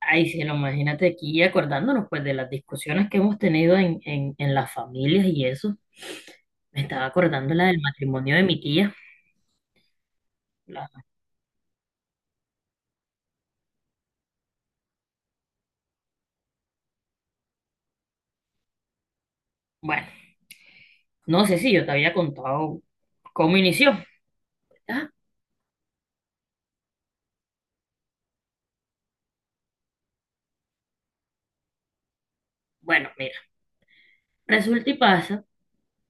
Ay, sí, no, imagínate aquí acordándonos pues de las discusiones que hemos tenido en las familias y eso. Me estaba acordando la del matrimonio de mi tía. La- bueno, no sé si yo te había contado cómo inició. Ah, bueno, mira, resulta y pasa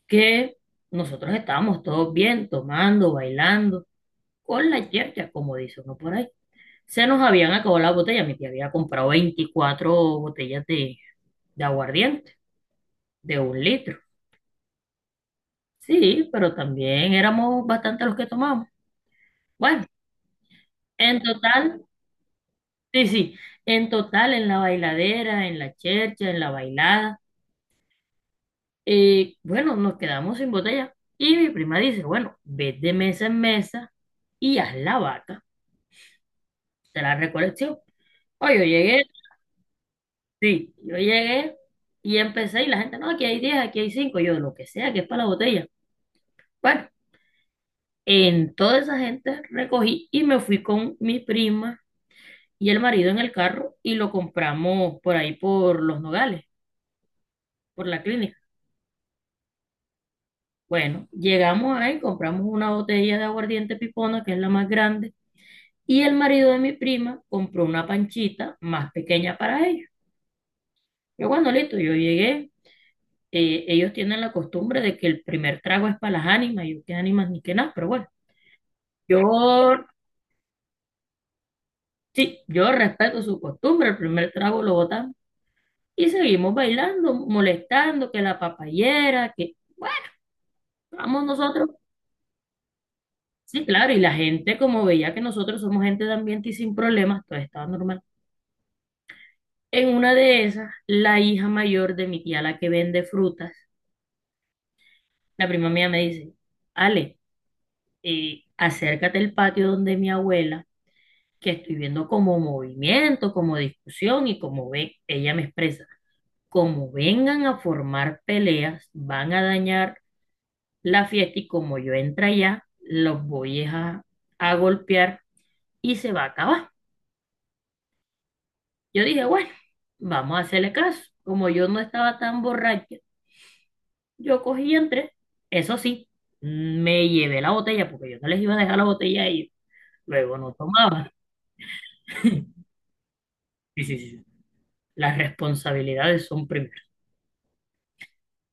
que nosotros estábamos todos bien, tomando, bailando, con la yerja, como dice uno por ahí. Se nos habían acabado las botellas. Mi tía había comprado 24 botellas de aguardiente, de un litro. Sí, pero también éramos bastante los que tomamos. Bueno, en total, sí, sí, en total, en la bailadera, en la chercha, en la bailada, bueno, nos quedamos sin botella. Y mi prima dice, bueno, ve de mesa en mesa y haz la vaca de la recolección. Oye, yo llegué, sí, yo llegué y empecé y la gente, no, aquí hay 10, aquí hay 5, yo lo que sea, que es para la botella. Bueno, en toda esa gente recogí y me fui con mi prima y el marido en el carro y lo compramos por ahí por Los Nogales, por la clínica. Bueno, llegamos ahí, compramos una botella de aguardiente pipona, que es la más grande, y el marido de mi prima compró una panchita más pequeña para ellos. Yo cuando listo, yo llegué, ellos tienen la costumbre de que el primer trago es para las ánimas, yo qué ánimas ni qué nada, pero bueno, yo sí, yo respeto su costumbre, el primer trago lo botamos y seguimos bailando, molestando, que la papayera, que bueno, vamos nosotros. Sí, claro, y la gente, como veía que nosotros somos gente de ambiente y sin problemas, todo estaba normal. En una de esas, la hija mayor de mi tía, la que vende frutas, la prima mía me dice, Ale, acércate al patio donde mi abuela, que estoy viendo como movimiento, como discusión y como ve, ella me expresa, como vengan a formar peleas, van a dañar la fiesta y como yo entra allá, los voy es a golpear y se va a acabar. Yo dije, bueno, vamos a hacerle caso. Como yo no estaba tan borracha, yo cogí y entré. Eso sí, me llevé la botella porque yo no les iba a dejar la botella a ellos. Luego no tomaba. Sí, sí, sí. Sí. Las responsabilidades son primero.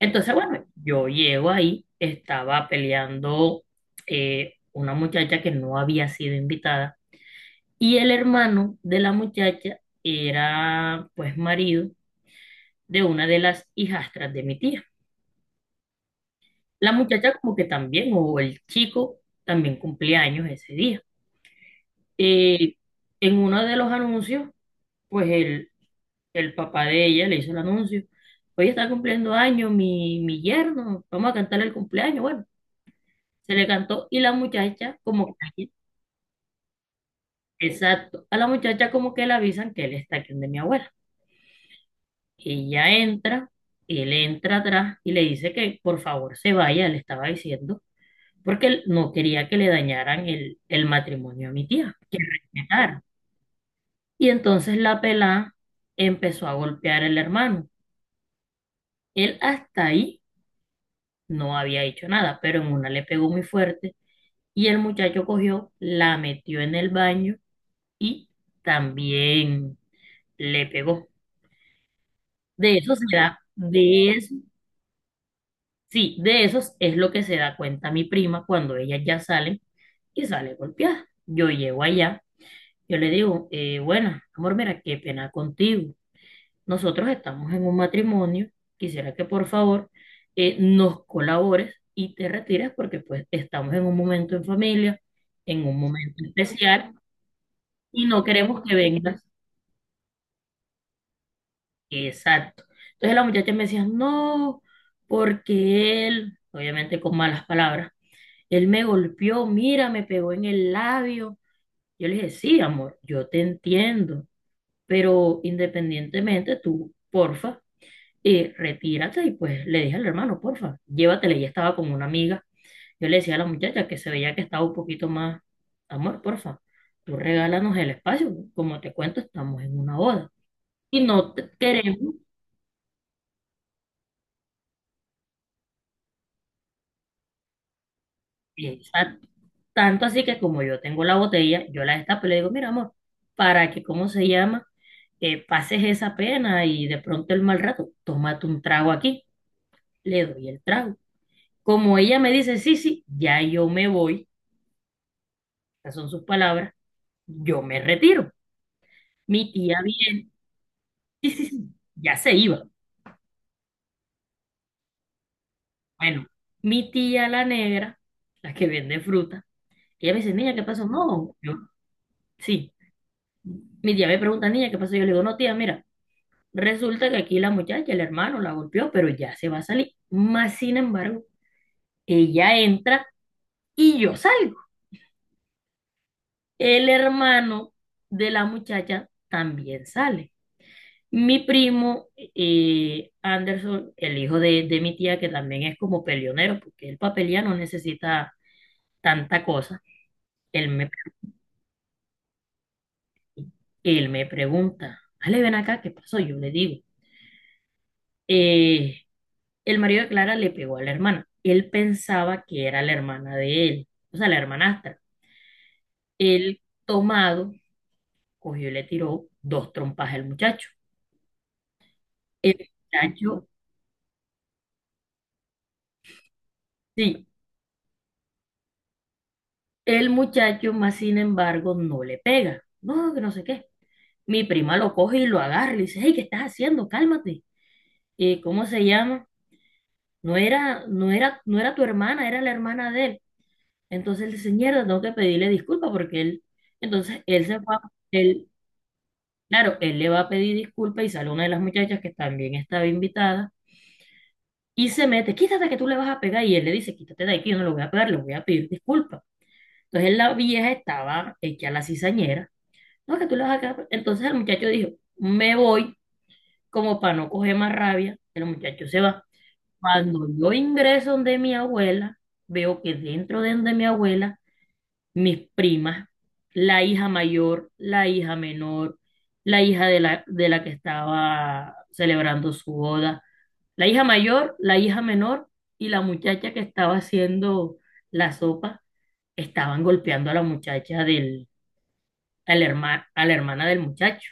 Entonces, bueno, yo llego ahí, estaba peleando una muchacha que no había sido invitada y el hermano de la muchacha era pues marido de una de las hijastras de mi tía. La muchacha como que también, o el chico también cumplía años ese día. Eh, en uno de los anuncios, pues el papá de ella le hizo el anuncio. Hoy está cumpliendo años mi yerno, vamos a cantarle el cumpleaños. Bueno, se le cantó y la muchacha como que, exacto, a la muchacha como que le avisan que él está aquí donde mi abuela. Ella entra, él entra atrás y le dice que por favor se vaya, le estaba diciendo, porque él no quería que le dañaran el matrimonio a mi tía, que respetar. Y entonces la pelá empezó a golpear al hermano. Él hasta ahí no había hecho nada, pero en una le pegó muy fuerte y el muchacho cogió, la metió en el baño y también le pegó. De eso se da, de eso, Sí, de eso es lo que se da cuenta mi prima cuando ellas ya salen y sale golpeada. Yo llego allá. Yo le digo, bueno, amor, mira, qué pena contigo. Nosotros estamos en un matrimonio. Quisiera que por favor, nos colabores y te retires porque pues estamos en un momento en familia, en un momento especial y no queremos que vengas. Exacto. Entonces la muchacha me decía, no, porque él, obviamente con malas palabras, él me golpeó, mira, me pegó en el labio. Yo le dije, sí, amor, yo te entiendo. Pero independientemente, tú, porfa, retírate y pues le dije al hermano, porfa, llévatela. Ella estaba con una amiga. Yo le decía a la muchacha que se veía que estaba un poquito más, amor, porfa, tú regálanos el espacio. Como te cuento, estamos en una boda. Y no te queremos, exacto. Tanto así que como yo tengo la botella, yo la destapo y le digo, mira, amor, para que, ¿cómo se llama? Pases esa pena y de pronto el mal rato, tómate un trago aquí. Le doy el trago. Como ella me dice, sí, sí, ya yo me voy, estas son sus palabras, yo me retiro. Mi tía viene, sí, sí, sí, ya se iba. Bueno, mi tía la negra, la que vende fruta, ella me dice, niña, ¿qué pasó? No, yo, sí. Mi tía me pregunta, niña, ¿qué pasó? Yo le digo, no, tía, mira, resulta que aquí la muchacha, el hermano, la golpeó, pero ya se va a salir. Más sin embargo, ella entra y yo salgo. El hermano de la muchacha también sale. Mi primo, Anderson, el hijo de mi tía, que también es como peleonero, porque él para pelear no necesita tanta cosa, él me, él me pregunta, Ale, ven acá, ¿qué pasó? Yo le digo, eh, el marido de Clara le pegó a la hermana. Él pensaba que era la hermana de él, o sea, la hermanastra. Él, tomado, cogió y le tiró dos trompas al muchacho. El muchacho, sí, el muchacho más sin embargo no le pega. No, que no sé qué. Mi prima lo coge y lo agarra y le dice, hey, ¿qué estás haciendo? Cálmate. ¿Y cómo se llama? No era, no era, no era tu hermana, era la hermana de él. Entonces él dice, mierda, tengo que pedirle disculpas porque él, entonces él se va, él, claro, él le va a pedir disculpas y sale una de las muchachas que también estaba invitada y se mete, quítate que tú le vas a pegar y él le dice, quítate de aquí, yo no lo voy a pegar, le voy a pedir disculpas. Entonces la vieja estaba hecha la cizañera, no, que tú le vas a pegar. Entonces el muchacho dijo, me voy como para no coger más rabia. El muchacho se va. Cuando yo ingreso donde mi abuela, veo que dentro de donde mi abuela, mis primas, la hija mayor, la hija menor, la hija de la, que estaba celebrando su boda, la hija mayor, la hija menor y la muchacha que estaba haciendo la sopa, estaban golpeando a la muchacha a la hermana del muchacho.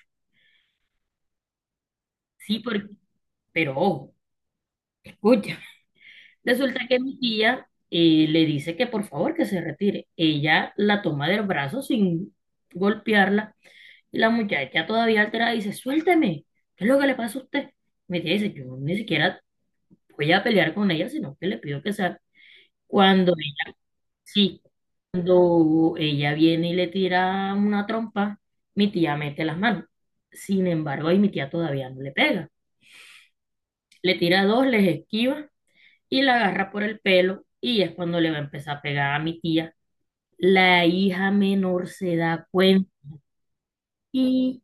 Sí, porque, pero ojo, escucha. Resulta que mi tía, le dice que por favor que se retire. Ella la toma del brazo sin golpearla y la muchacha todavía alterada dice, suélteme, ¿qué es lo que le pasa a usted? Mi tía dice, yo ni siquiera voy a pelear con ella, sino que le pido que salga. Cuando ella, sí, cuando ella viene y le tira una trompa, mi tía mete las manos. Sin embargo, ahí mi tía todavía no le pega. Le tira dos, les esquiva y la agarra por el pelo y es cuando le va a empezar a pegar a mi tía. La hija menor se da cuenta y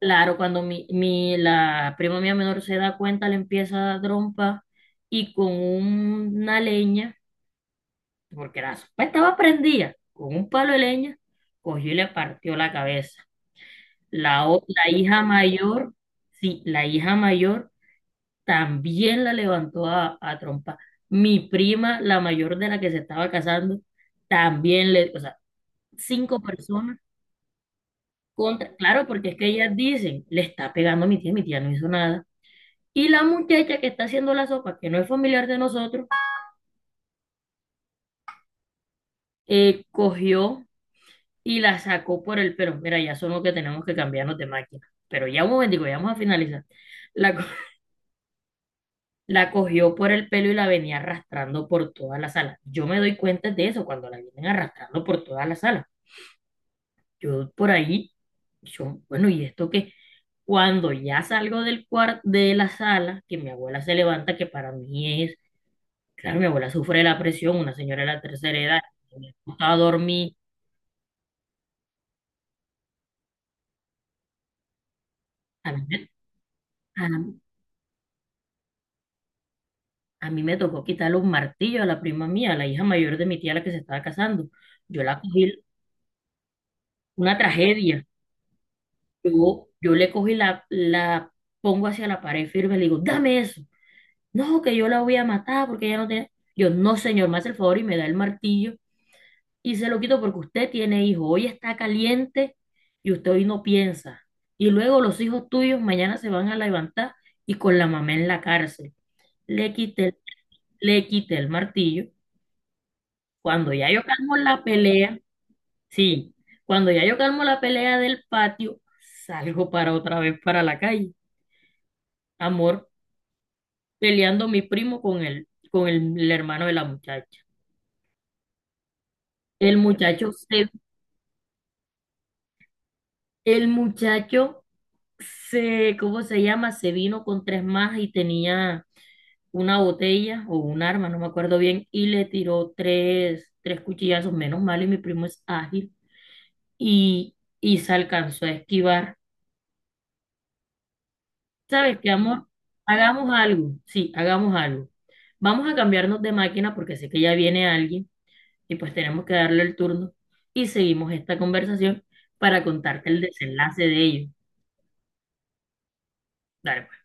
claro, cuando la prima mía menor se da cuenta, le empieza a dar trompa y con una leña, porque la sopa estaba prendida, con un palo de leña, cogió y le partió la cabeza. La hija mayor, sí, la hija mayor también la levantó a trompa. Mi prima, la mayor de la que se estaba casando, también le, o sea, cinco personas contra, claro, porque es que ellas dicen, le está pegando a mi tía no hizo nada. Y la muchacha que está haciendo la sopa, que no es familiar de nosotros, cogió y la sacó por el pelo. Mira, ya son los que tenemos que cambiarnos de máquina. Pero ya un momentico, ya vamos a finalizar. La, co- la cogió por el pelo y la venía arrastrando por toda la sala. Yo me doy cuenta de eso cuando la vienen arrastrando por toda la sala. Yo por ahí, yo, bueno, ¿y esto qué? Cuando ya salgo del cuarto de la sala, que mi abuela se levanta, que para mí es, claro, mi abuela sufre de la presión, una señora de la tercera edad, le gustaba dormir. A mí, me- a, a mí me tocó quitarle un martillo a la prima mía, a la hija mayor de mi tía, la que se estaba casando. Yo la cogí, una tragedia. Yo le cogí la, pongo hacia la pared firme, le digo, dame eso. No, que yo la voy a matar porque ella no tiene. Yo, no, señor, me hace el favor y me da el martillo y se lo quito porque usted tiene hijos. Hoy está caliente y usted hoy no piensa. Y luego los hijos tuyos mañana se van a levantar y con la mamá en la cárcel. Le quité, le quité, el martillo. Cuando ya yo calmo la pelea, sí, cuando ya yo calmo la pelea del patio, salgo para otra vez para la calle. Amor, peleando mi primo con el hermano de la muchacha. El muchacho se, el muchacho se, ¿cómo se llama? Se vino con tres más y tenía una botella o un arma, no me acuerdo bien, y le tiró tres cuchillazos, menos mal, y mi primo es ágil, y se alcanzó a esquivar. ¿Sabes qué, amor? Hagamos algo, sí, hagamos algo. Vamos a cambiarnos de máquina porque sé que ya viene alguien y pues tenemos que darle el turno y seguimos esta conversación para contarte el desenlace de ello. Dale, pues.